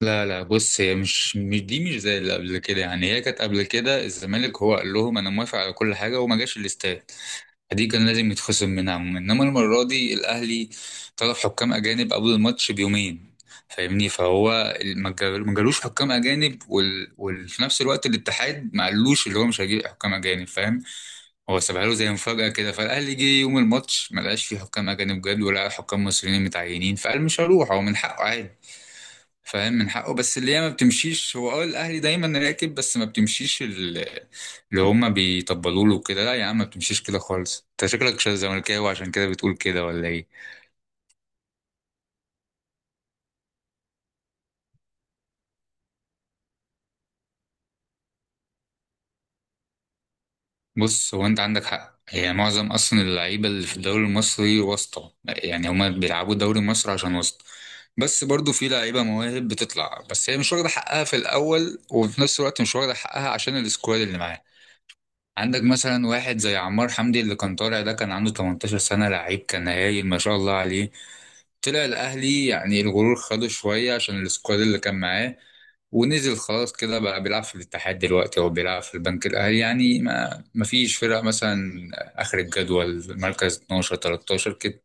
لا لا، بص. هي دي مش زي اللي قبل كده. يعني هي كانت قبل كده الزمالك هو قال لهم انا موافق على كل حاجه وما جاش الاستاد، دي كان لازم يتخصم منها عموما. انما المره دي الاهلي طلب حكام اجانب قبل الماتش بيومين، فاهمني؟ فهو ما جالوش حكام اجانب وفي نفس الوقت الاتحاد ما قالوش اللي هو مش هيجيب حكام اجانب، فاهم؟ هو سابها له زي مفاجاه كده. فالاهلي جه يوم الماتش ما لقاش فيه حكام اجانب، جاب ولا حكام مصريين متعينين، فقال مش هروح. هو من حقه عادي، فاهم، من حقه. بس اللي هي ما بتمشيش. هو اه، الاهلي دايما راكب، بس ما بتمشيش اللي هما بيطبلوا له كده. لا يا عم، ما بتمشيش كده خالص. انت شكلك شاذ زملكاوي عشان كده بتقول كده ولا ايه؟ بص، هو انت عندك حق. هي معظم اصلا اللعيبه اللي في الدوري المصري واسطه. يعني هما بيلعبوا الدوري المصري عشان واسطه. بس برضو في لعيبه مواهب بتطلع، بس هي مش واخده حقها في الاول، وفي نفس الوقت مش واخده حقها عشان السكواد اللي معاها. عندك مثلا واحد زي عمار حمدي اللي كان طالع، ده كان عنده 18 سنة. لعيب كان هايل ما شاء الله عليه. طلع الأهلي، يعني الغرور خده شوية عشان السكواد اللي كان معاه، ونزل خلاص كده. بقى بيلعب في الاتحاد دلوقتي أو بيلعب في البنك الأهلي، يعني ما فيش فرق. مثلا آخر الجدول، مركز 12 13 كده.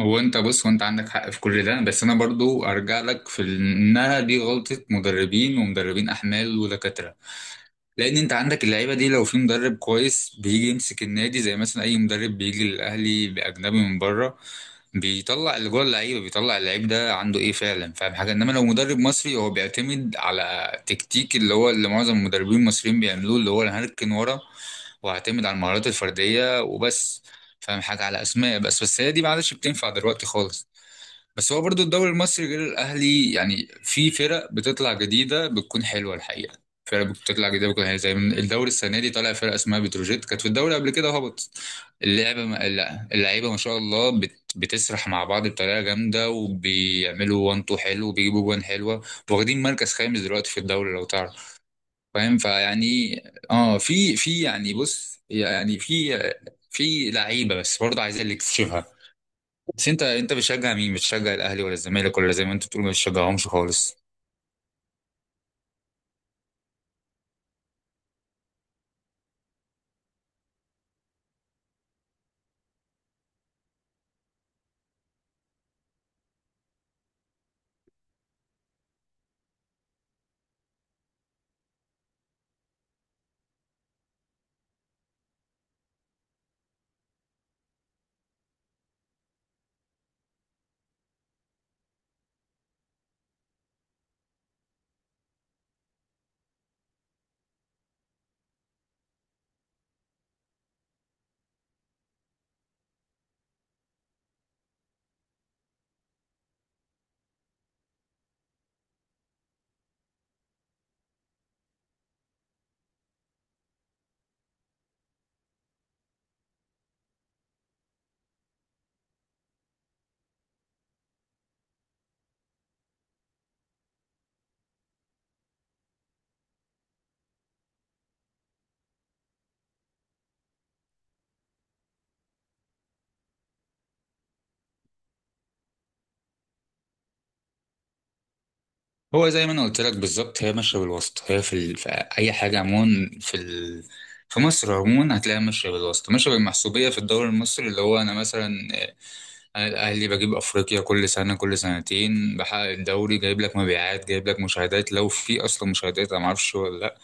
هو انت بص، وانت عندك حق في كل ده، بس انا برضو ارجع لك في انها دي غلطة مدربين ومدربين احمال ودكاترة. لان انت عندك اللعيبه دي لو في مدرب كويس بيجي يمسك النادي، زي مثلا اي مدرب بيجي للاهلي باجنبي من بره، بيطلع اللي جوه اللعيبه، بيطلع اللعيب ده عنده ايه فعلا، فاهم حاجه؟ انما لو مدرب مصري هو بيعتمد على تكتيك، اللي هو اللي معظم المدربين المصريين بيعملوه، اللي هو انا هركن ورا واعتمد على المهارات الفرديه وبس، فاهم حاجه؟ على اسماء بس هي دي ما عادش بتنفع دلوقتي خالص. بس هو برضو الدوري المصري غير الاهلي، يعني في فرق بتطلع جديده بتكون حلوه الحقيقه. فرق بتطلع جديده بتكون حلوه، زي من الدوري السنه دي طالع فرقه اسمها بتروجيت، كانت في الدوري قبل كده هبط. اللعبه ما... لا، اللعيبه ما شاء الله بتسرح مع بعض بطريقه جامده، وبيعملوا وان تو حلو، وبيجيبوا جوان حلوه، واخدين مركز خامس دلوقتي في الدوري لو تعرف. فاهم؟ فيعني اه، في يعني بص، يعني في لعيبه، بس برضه عايزين اللي يكتشفها. بس انت، انت بتشجع مين؟ بتشجع الاهلي ولا الزمالك، ولا زي ما انت بتقول ما بتشجعهمش خالص؟ هو زي ما انا قلت لك بالظبط، هي ماشيه بالوسط. هي في اي حاجه عموما، في مصر عموما هتلاقيها ماشيه بالوسط، ماشيه بالمحسوبيه. في الدوري المصري اللي هو، انا مثلا آه، انا الاهلي بجيب افريقيا كل سنه، كل سنتين بحقق الدوري، جايب لك مبيعات، جايب لك مشاهدات، لو في اصلا مشاهدات انا ما اعرفش ولا لا.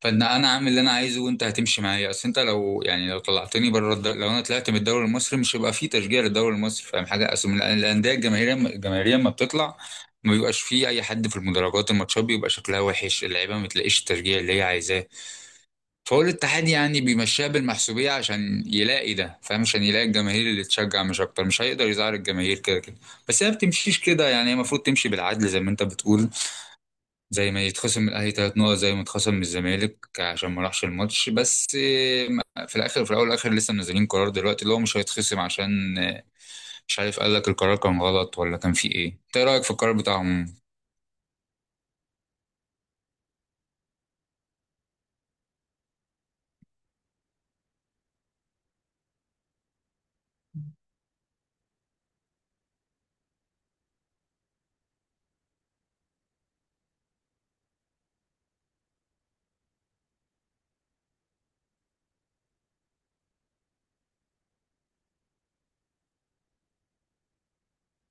فان انا عامل اللي انا عايزه وانت هتمشي معايا. اصل انت لو، يعني لو طلعتني بره لو انا طلعت من الدوري المصري، مش هيبقى فيه تشجيع للدوري المصري، فاهم حاجه؟ اصل الانديه الجماهيريه، الجماهيريه لما بتطلع ما بيبقاش فيه اي حد في المدرجات، الماتشات بيبقى شكلها وحش، اللعيبه ما تلاقيش التشجيع اللي هي عايزاه. فهو الاتحاد يعني بيمشيها بالمحسوبيه عشان يلاقي ده، فاهم، عشان يلاقي الجماهير اللي تشجع، مش اكتر. مش هيقدر يزعل الجماهير، كده كده. بس هي ما بتمشيش كده. يعني هي المفروض تمشي بالعدل زي ما انت بتقول. زي ما يتخصم من الاهلي 3 نقط زي ما اتخصم من الزمالك عشان ما راحش الماتش. بس في الاخر، في الاول والاخر لسه منزلين قرار دلوقتي، اللي هو مش هيتخصم، عشان مش عارف، قال لك القرار كان غلط، ولا كان فيه ايه؟ انت إيه رايك في القرار بتاعهم؟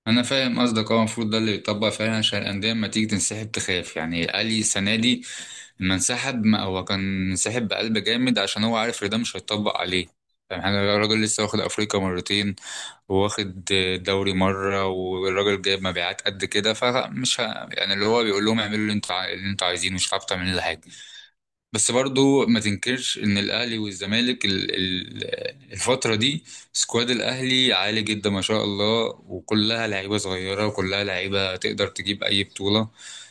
انا فاهم قصدك. هو المفروض ده اللي يتطبق فعلا، عشان الانديه لما تيجي تنسحب تخاف. يعني الاهلي السنه دي لما انسحب، ما هو كان انسحب بقلب جامد عشان هو عارف ان ده مش هيتطبق عليه، فاهم حاجه؟ الراجل لسه واخد افريقيا مرتين، واخد دوري مرة، والراجل جايب مبيعات قد كده. يعني اللي هو بيقول لهم اعملوا اللي اللي انتوا عايزينه، مش هتعرفوا تعملوا لي حاجة. بس برضو ما تنكرش ان الاهلي والزمالك الفترة دي سكواد الاهلي عالي جدا ما شاء الله، وكلها لعيبة صغيرة، وكلها لعيبة تقدر تجيب اي بطولة.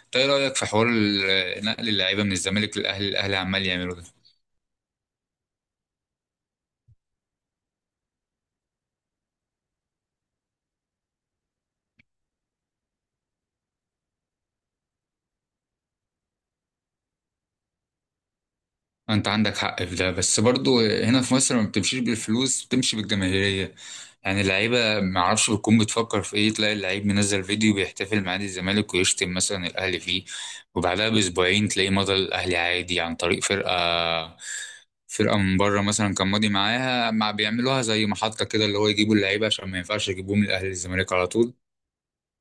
إنت ايه رأيك في حوار نقل اللعيبة من الزمالك للاهلي، الاهلي عمال يعمله ده؟ انت عندك حق في ده، بس برضو هنا في مصر ما بتمشيش بالفلوس، بتمشي بالجماهيريه. يعني اللعيبه ما اعرفش بتكون بتفكر في ايه، تلاقي اللعيب منزل فيديو بيحتفل مع نادي الزمالك ويشتم مثلا الاهلي فيه، وبعدها باسبوعين تلاقيه مضى الاهلي عادي عن طريق فرقه، فرقه من بره مثلا كان ماضي معاها، مع بيعملوها زي محطه كده، اللي هو يجيبوا اللعيبه عشان ما ينفعش يجيبوهم الاهلي الزمالك على طول.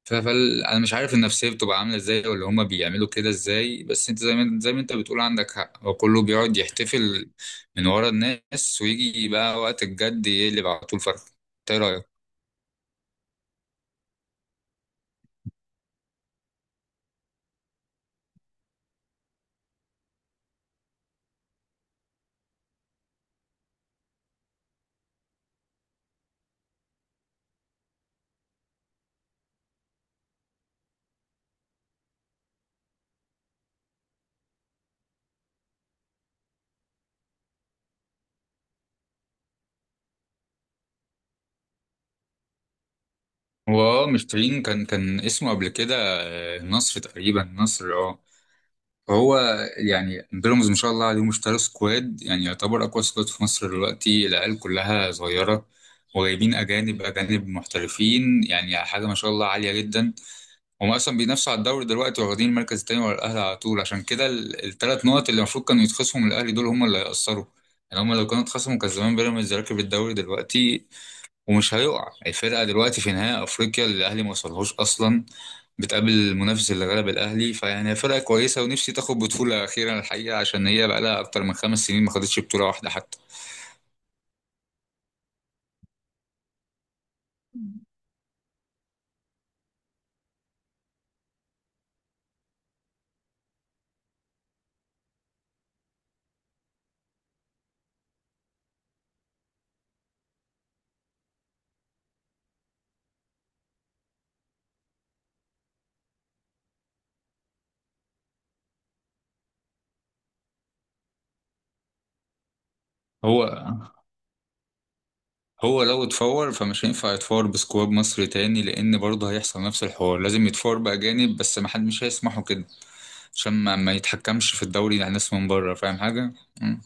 ف- فال انا مش عارف النفسيه بتبقى عامله ازاي، ولا هما بيعملوا كده ازاي. بس انت زي ما انت بتقول عندك حق، هو كله بيقعد يحتفل من ورا الناس، ويجي بقى وقت الجد يقلب على طول فرق. انت ايه رايك؟ هو اه، مشترين. كان اسمه قبل كده النصر تقريبا، النصر اه. هو يعني بيراميدز ما شاء الله عليهم اشتروا سكواد، يعني يعتبر اقوى سكواد في مصر دلوقتي. العيال كلها صغيره، وجايبين اجانب، اجانب محترفين، يعني حاجه ما شاء الله عاليه جدا. هم اصلا بينافسوا على الدوري دلوقتي، واخدين المركز التاني ورا الاهلي على طول. عشان كده الثلاث نقط اللي المفروض كانوا يتخصموا من الاهلي دول هم اللي هيأثروا. يعني هم لو كانوا اتخصموا كان زمان بيراميدز راكب الدوري دلوقتي، ومش هيقع الفرقه دلوقتي في نهائي افريقيا اللي الاهلي ما وصلهوش اصلا، بتقابل المنافس اللي غلب الاهلي. فيعني هي فرقه كويسه، ونفسي تاخد بطوله اخيرا الحقيقه، عشان هي بقى لها اكتر من 5 سنين ما خدتش بطوله واحده حتى. هو هو لو اتفور فمش هينفع يتفور بسكواد مصري تاني، لان برضه هيحصل نفس الحوار. لازم يتفور باجانب، بس ما حد مش هيسمحوا كده، عشان ما يتحكمش في الدوري على ناس من بره، فاهم حاجه؟ مم.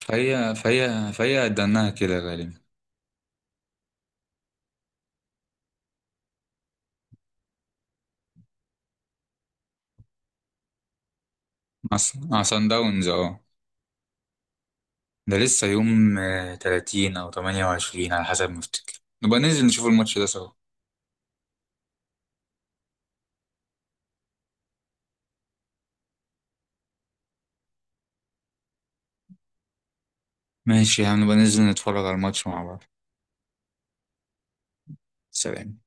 فهي دناها كده غالبا. مع صن داونز اه. ده لسه يوم 30 او 28 على حسب ما افتكر. نبقى ننزل نشوف الماتش ده سوا. ماشي يا عم، نبقى ننزل نتفرج على الماتش مع بعض. سلام.